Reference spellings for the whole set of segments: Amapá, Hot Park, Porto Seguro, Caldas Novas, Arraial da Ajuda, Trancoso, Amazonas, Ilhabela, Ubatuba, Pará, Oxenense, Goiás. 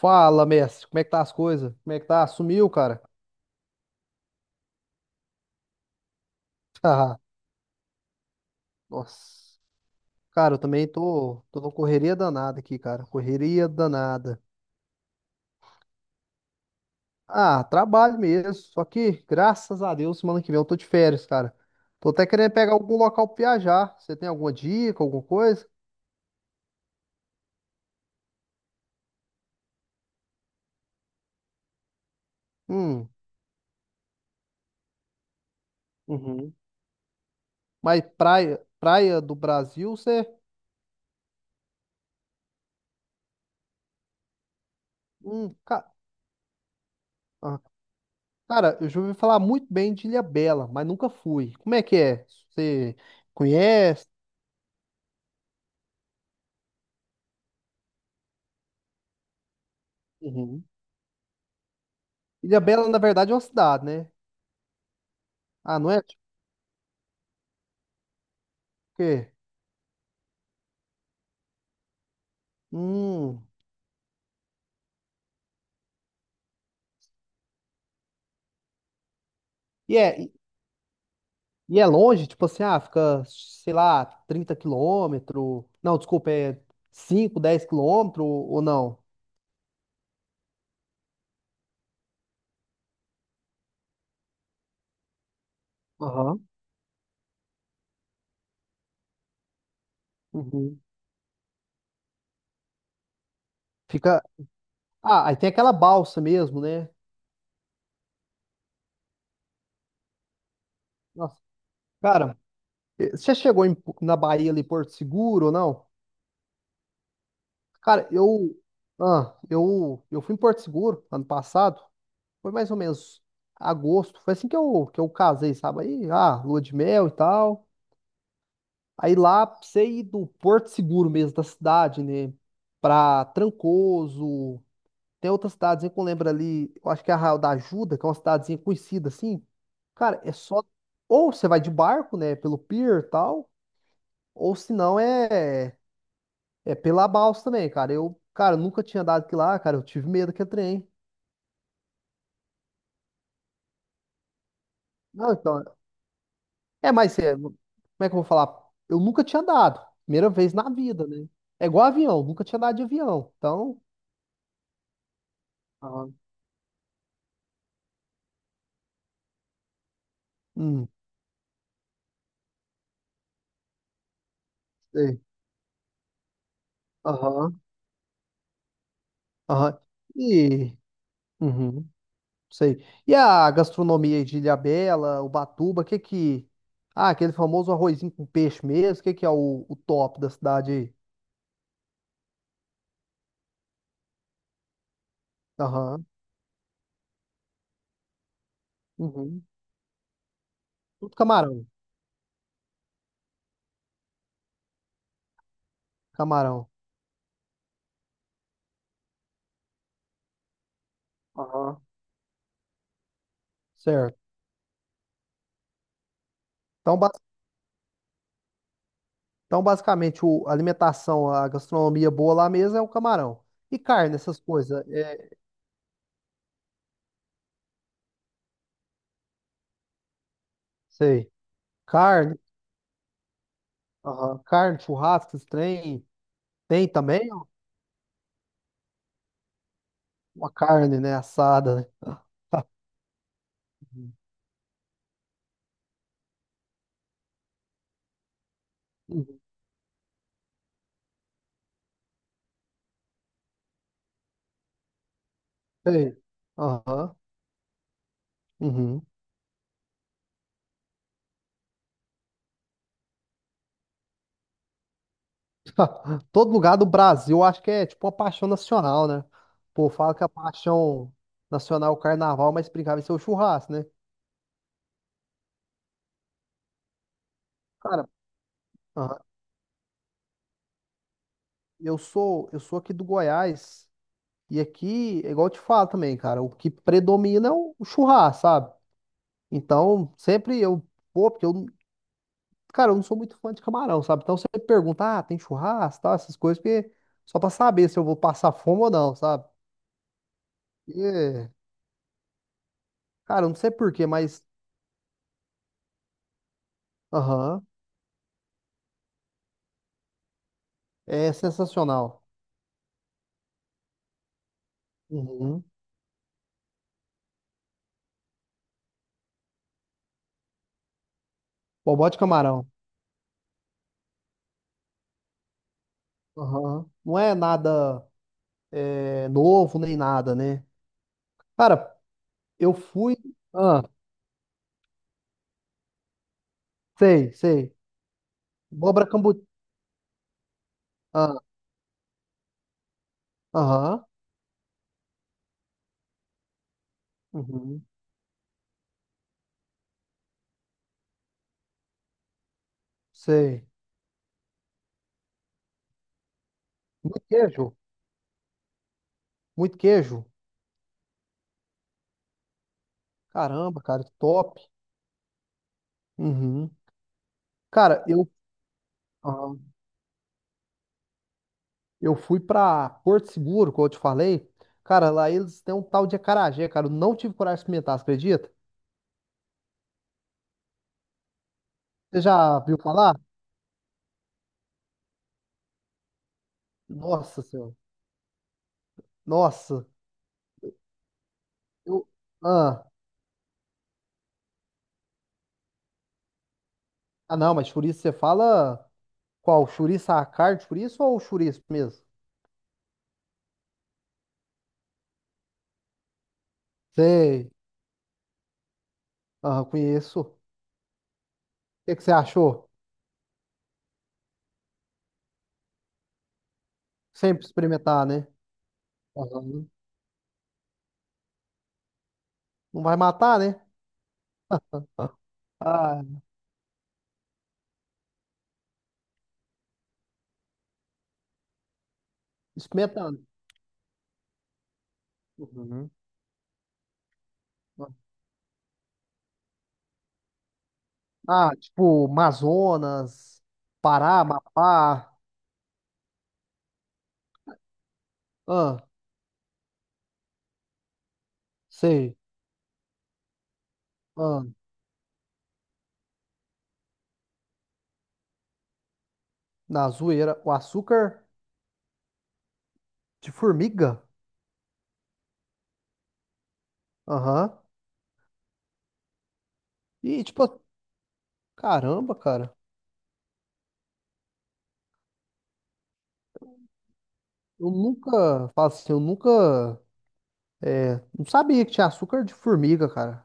Fala, mestre, como é que tá as coisas? Como é que tá? Sumiu, cara? Haha, nossa. Cara, eu também tô numa correria danada aqui, cara. Correria danada. Ah, trabalho mesmo. Só que, graças a Deus, semana que vem eu tô de férias, cara. Tô até querendo pegar algum local pra viajar. Você tem alguma dica, alguma coisa? Hum. Uhum. Mas praia, praia do Brasil, você. Hum, ca- ah, cara, eu já ouvi falar muito bem de Ilhabela, mas nunca fui. Como é que é? Você conhece? Uhum. Ilha Bela na verdade, é uma cidade, né? Ah, não é? Tipo o quê? Hum. E é, longe? Tipo assim, ah, fica, sei lá, 30 quilômetros. Não, desculpa, é 5, 10 quilômetros ou não? Aham. Uhum. Fica. Ah, aí tem aquela balsa mesmo, né? Nossa, cara, você já chegou na Bahia ali, Porto Seguro ou não? Cara, eu. Ah, eu fui em Porto Seguro ano passado. Foi mais ou menos agosto. Foi assim que eu casei, sabe? Aí, ah, lua de mel e tal. Aí lá, pra você ir do Porto Seguro mesmo, da cidade, né? Pra Trancoso. Tem outras cidadezinha que eu lembro ali. Eu acho que é Arraial da Ajuda, que é uma cidadezinha conhecida assim. Cara, é só. Ou você vai de barco, né? Pelo pier e tal. Ou se não, é. É pela balsa também, cara. Eu, cara, nunca tinha andado aqui lá, cara. Eu tive medo que é trem. Não, então. É, mas é, como é que eu vou falar? Eu nunca tinha dado. Primeira vez na vida, né? É igual avião, nunca tinha dado de avião. Então, aham, hum, sei. Aham, aham. E, uhum, sei. E a gastronomia aí de Ilhabela, Ubatuba, o que que. Ah, aquele famoso arrozinho com peixe mesmo, o que que é o top da cidade aí? Aham, uhum. Tudo camarão, camarão, aham. Certo. Então, Então, basicamente, a alimentação, a gastronomia boa lá mesmo é o camarão. E carne, essas coisas. É, sei. Carne, aham, carne, churrasco, esses trem. Tem também uma carne, né? Assada, né? Uhum. Uhum. Sei. Aham. Uhum. Todo lugar do Brasil, eu acho que é tipo uma paixão nacional, né? Pô, fala que a paixão nacional é o carnaval, mas brincava em ser o churrasco, né? Cara, aham, eu sou aqui do Goiás. E aqui, é igual eu te falo também, cara, o que predomina é o churrasco, sabe? Então, sempre eu vou, porque eu, cara, eu não sou muito fã de camarão, sabe? Então, você pergunta, ah, tem churrasco, tá? Essas coisas, porque só pra saber se eu vou passar fome ou não, sabe? E, cara, eu não sei por quê, mas, aham, é sensacional. Uhum. Bobó de camarão. Aham. Não é nada é, novo nem nada, né? Cara, eu fui. Ah, sei, sei. Abóbora cambu. Ah, aham. Uhum. Sei. Muito queijo. Muito queijo. Caramba, cara, top. Uhum. Cara, ah, eu fui pra Porto Seguro, como eu te falei. Cara, lá eles têm um tal de acarajé, cara. Eu não tive coragem de experimentar, você acredita? Você já viu falar? Nossa Senhora. Nossa. Eu. Ah. Ah, não, mas chouriço você fala qual? Chouriço a carne de chouriço ou chouriço mesmo? Sei. Ah, conheço. O que que você achou? Sempre experimentar, né? Aham. Não vai matar, né? Ah, experimentando. Uhum. Ah, tipo, Amazonas, Pará, Amapá. Ah, sei. Ah, na zoeira. O açúcar de formiga. Aham. E, tipo, caramba, cara. Eu nunca, falo assim, eu nunca, não sabia que tinha açúcar de formiga, cara.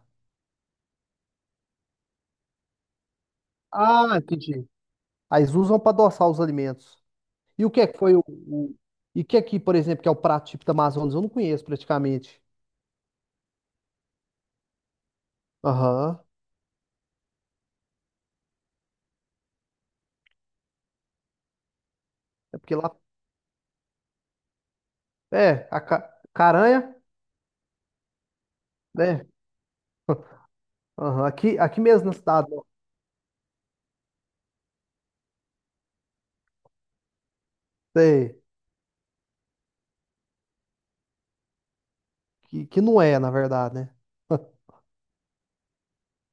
Ah, entendi. Aí eles usam pra adoçar os alimentos. E o que é que foi e o que aqui, por exemplo, que é o prato típico da Amazonas? Eu não conheço praticamente. Aham. É porque lá. É, a caranha, né? Aham. Aqui mesmo na cidade, né? Sei, que não é, na verdade, né?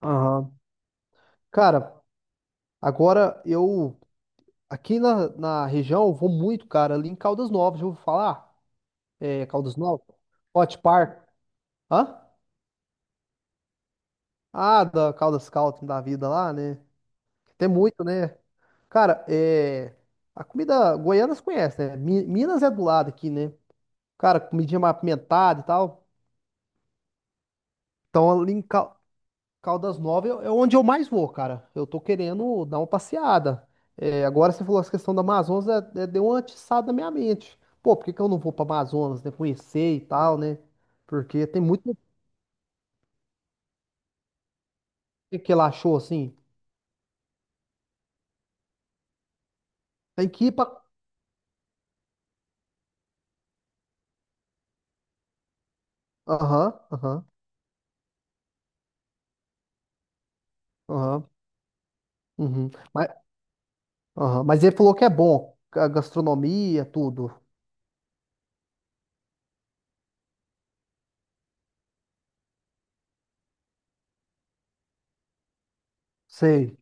Aham. Cara, agora eu. Aqui na região eu vou muito, cara, ali em Caldas Novas, já ouviu falar? É, Caldas Novas? Hot Park. Hã? Ah, da Caldas Scouting da vida lá, né? Tem muito, né? Cara, é. A comida goiana você conhece, né? Minas é do lado aqui, né? Cara, comidinha mais apimentada e tal. Então, ali em Caldas Novas é onde eu mais vou, cara. Eu tô querendo dar uma passeada. É, agora você falou essa questão da Amazonas, deu uma atiçada na minha mente. Pô, por que que eu não vou pra Amazonas, né? Conhecer e tal, né? Porque tem muito que ela achou assim. Tem que ir pra. Aham, aham, aham, uhum. Mas, aham, mas ele falou que é bom. A gastronomia, tudo. Sei.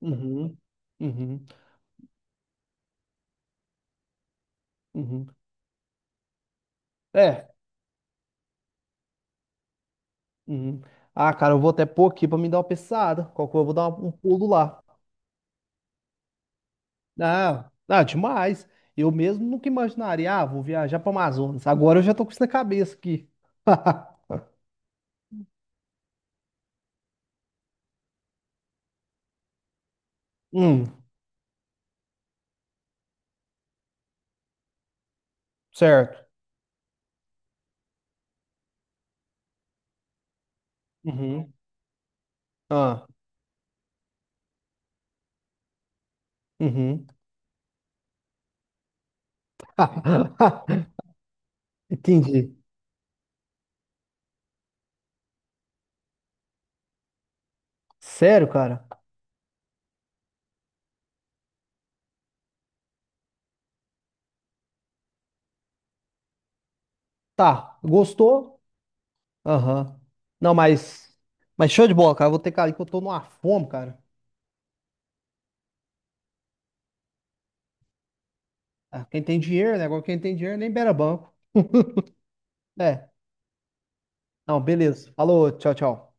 Uhum, uhum, uhum. É. Uhum. Ah, cara, eu vou até pôr aqui pra me dar uma pensada. Qual que eu vou dar um pulo lá. Não, não, demais. Eu mesmo nunca imaginaria, ah, vou viajar para Amazonas. Agora eu já tô com isso na cabeça aqui. Hum, certo. Uhum. Ah, uhum. Entendi. Sério, cara? Tá, gostou? Aham. Não, mas show de bola, cara. Eu vou ter que ir ali que eu tô numa fome, cara. Ah, quem tem dinheiro, né? Agora quem tem dinheiro nem beira banco. É. Não, beleza. Falou, tchau, tchau.